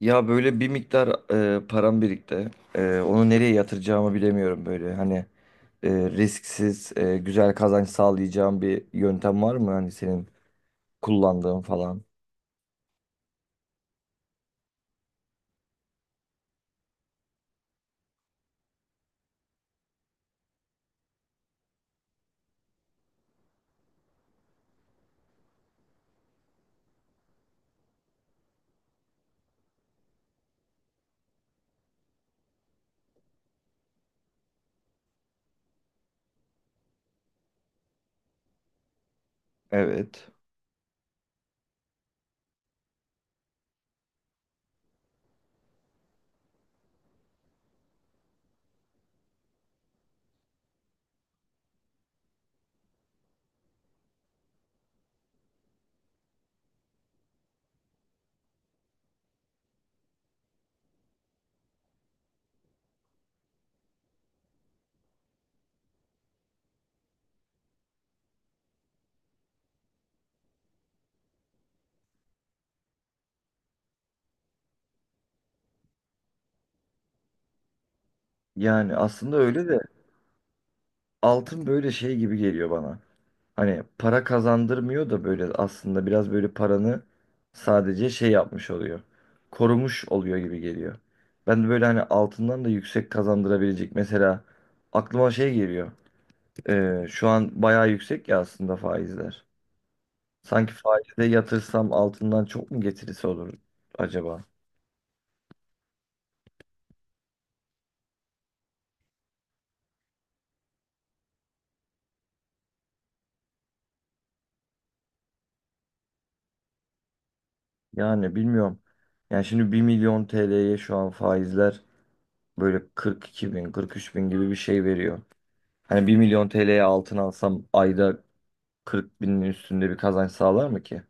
Ya böyle bir miktar param birikti. Onu nereye yatıracağımı bilemiyorum böyle. Hani risksiz, güzel kazanç sağlayacağım bir yöntem var mı? Hani senin kullandığın falan. Evet. Yani aslında öyle de altın böyle şey gibi geliyor bana. Hani para kazandırmıyor da böyle aslında biraz böyle paranı sadece şey yapmış oluyor. Korumuş oluyor gibi geliyor. Ben de böyle hani altından da yüksek kazandırabilecek mesela aklıma şey geliyor. Şu an bayağı yüksek ya aslında faizler. Sanki faize yatırsam altından çok mu getirisi olur acaba? Yani bilmiyorum. Yani şimdi bir milyon TL'ye şu an faizler böyle 42 bin, 43 bin gibi bir şey veriyor. Hani bir milyon TL'ye altın alsam ayda 40 binin üstünde bir kazanç sağlar mı ki?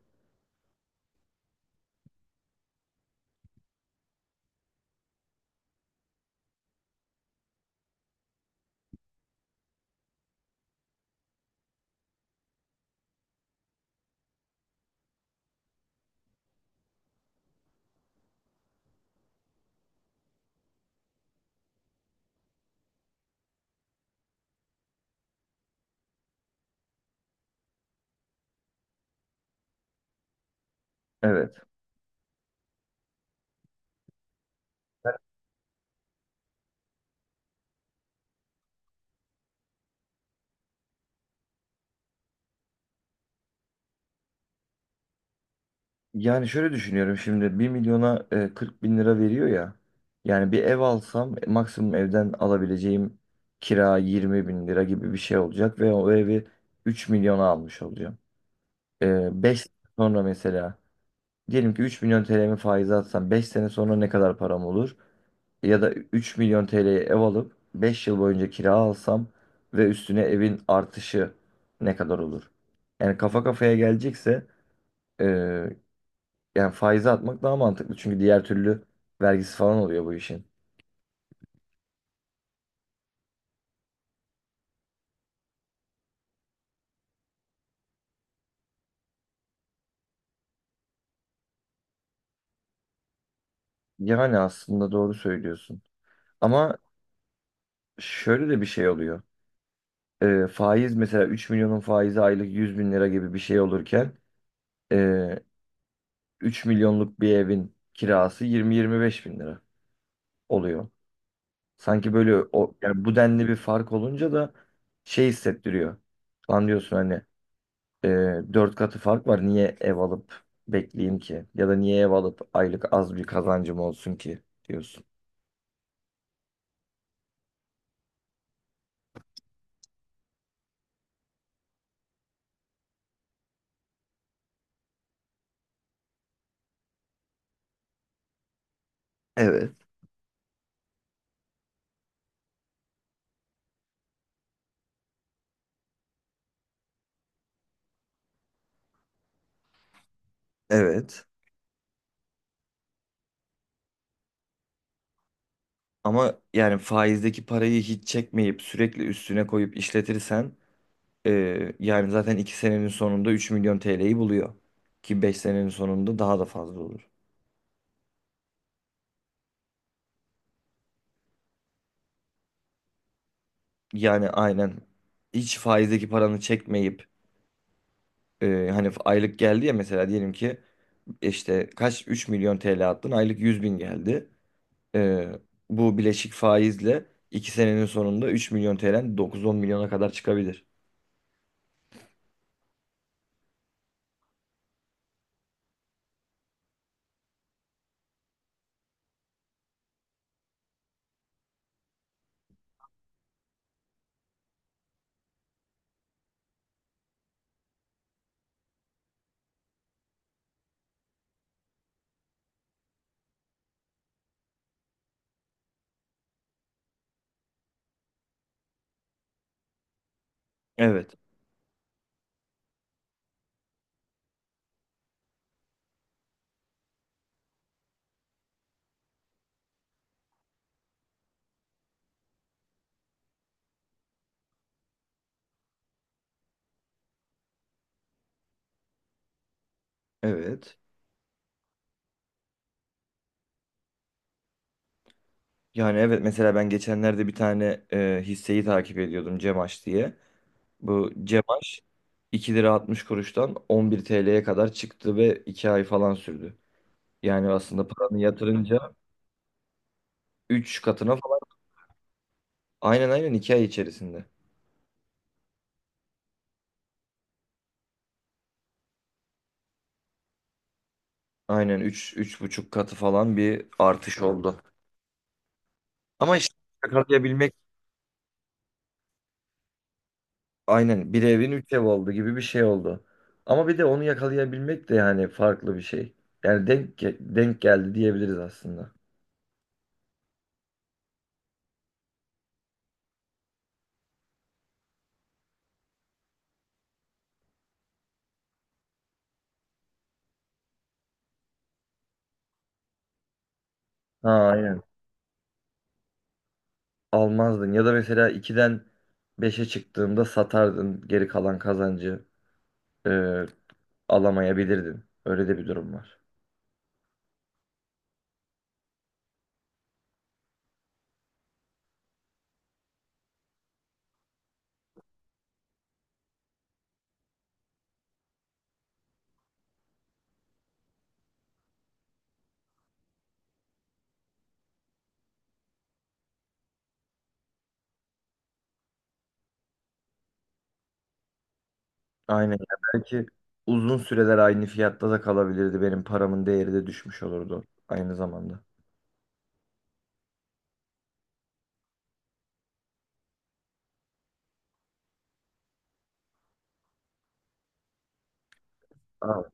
Evet. Yani şöyle düşünüyorum şimdi bir milyona 40 bin lira veriyor ya. Yani bir ev alsam maksimum evden alabileceğim kira 20 bin lira gibi bir şey olacak ve o evi 3 milyona almış olacağım. 5 sonra mesela diyelim ki 3 milyon TL'mi faize atsam 5 sene sonra ne kadar param olur? Ya da 3 milyon TL'ye ev alıp 5 yıl boyunca kira alsam ve üstüne evin artışı ne kadar olur? Yani kafa kafaya gelecekse e, yani faize atmak daha mantıklı. Çünkü diğer türlü vergisi falan oluyor bu işin. Yani aslında doğru söylüyorsun. Ama şöyle de bir şey oluyor. Faiz mesela 3 milyonun faizi aylık 100 bin lira gibi bir şey olurken e, 3 milyonluk bir evin kirası yirmi yirmi beş bin lira oluyor. Sanki böyle o yani bu denli bir fark olunca da şey hissettiriyor. Lan diyorsun hani e, 4 katı fark var niye ev alıp bekleyeyim ki? Ya da niye ev alıp aylık az bir kazancım olsun ki diyorsun. Evet, evet. Ama yani faizdeki parayı hiç çekmeyip sürekli üstüne koyup işletirsen yani zaten 2 senenin sonunda 3 milyon TL'yi buluyor. Ki 5 senenin sonunda daha da fazla olur. Yani aynen hiç faizdeki paranı çekmeyip hani aylık geldi ya mesela diyelim ki işte kaç 3 milyon TL attın aylık 100 bin geldi. Ee, bu bileşik faizle 2 senenin sonunda 3 milyon TL'den dokuz on milyona kadar çıkabilir. Evet. Evet. Yani evet mesela ben geçenlerde bir tane hisseyi takip ediyordum Cemaş diye. Bu Cebaş 2 lira 60 kuruştan 11 TL'ye kadar çıktı ve 2 ay falan sürdü. Yani aslında paranı yatırınca 3 katına falan, aynen aynen, 2 ay içerisinde. Aynen üç buçuk katı falan bir artış oldu. Ama işte yakalayabilmek, aynen bir evin 3 ev oldu gibi bir şey oldu. Ama bir de onu yakalayabilmek de yani farklı bir şey. Yani denk geldi diyebiliriz aslında. Ha aynen. Almazdın. Ya da mesela 2'den beşe çıktığında satardın. Geri kalan kazancı e, alamayabilirdin. Öyle de bir durum var. Aynen. Ya belki uzun süreler aynı fiyatta da kalabilirdi. Benim paramın değeri de düşmüş olurdu aynı zamanda. Ha,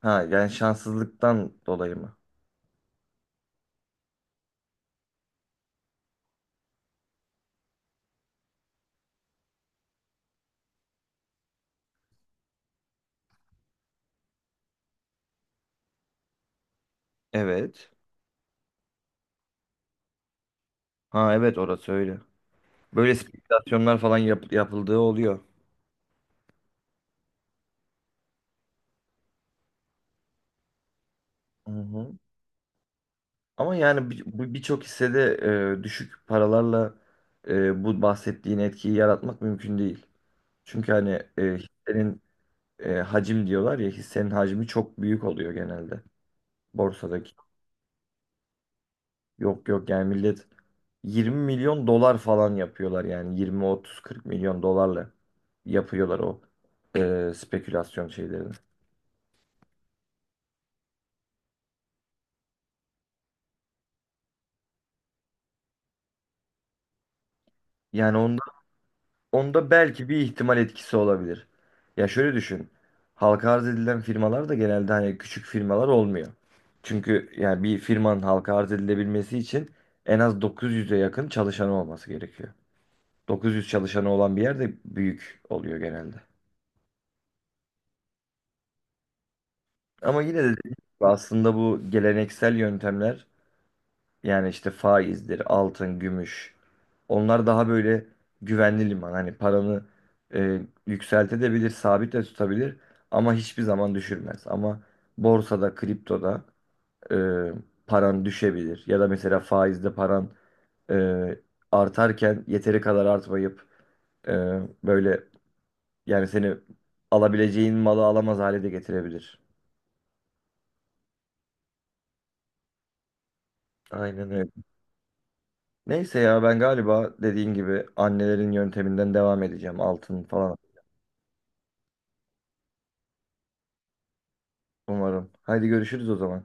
ha, yani şanssızlıktan dolayı mı? Evet. Ha evet, orası öyle. Böyle spekülasyonlar falan yapıldığı oluyor. Hı hı. Ama yani birçok hissede düşük paralarla bu bahsettiğin etkiyi yaratmak mümkün değil. Çünkü hani hissenin hacim diyorlar ya, hissenin hacmi çok büyük oluyor genelde borsadaki. Yok, yok, yani millet 20 milyon dolar falan yapıyorlar, yani 20 30 40 milyon dolarla yapıyorlar o spekülasyon şeylerini. Yani onun Onda belki bir ihtimal etkisi olabilir. Ya şöyle düşün. Halka arz edilen firmalar da genelde hani küçük firmalar olmuyor. Çünkü yani bir firmanın halka arz edilebilmesi için en az 900'e yakın çalışanı olması gerekiyor. 900 çalışanı olan bir yerde büyük oluyor genelde. Ama yine de dediğim gibi aslında bu geleneksel yöntemler, yani işte faizdir, altın, gümüş. Onlar daha böyle güvenli liman. Hani paranı e, yükseltebilir, sabit de tutabilir ama hiçbir zaman düşürmez. Ama borsada, kriptoda e, paran düşebilir. Ya da mesela faizde paran e, artarken yeteri kadar artmayıp e, böyle yani seni alabileceğin malı alamaz hale de getirebilir. Aynen öyle. Neyse ya, ben galiba dediğin gibi annelerin yönteminden devam edeceğim, altın falan. Umarım. Haydi görüşürüz o zaman.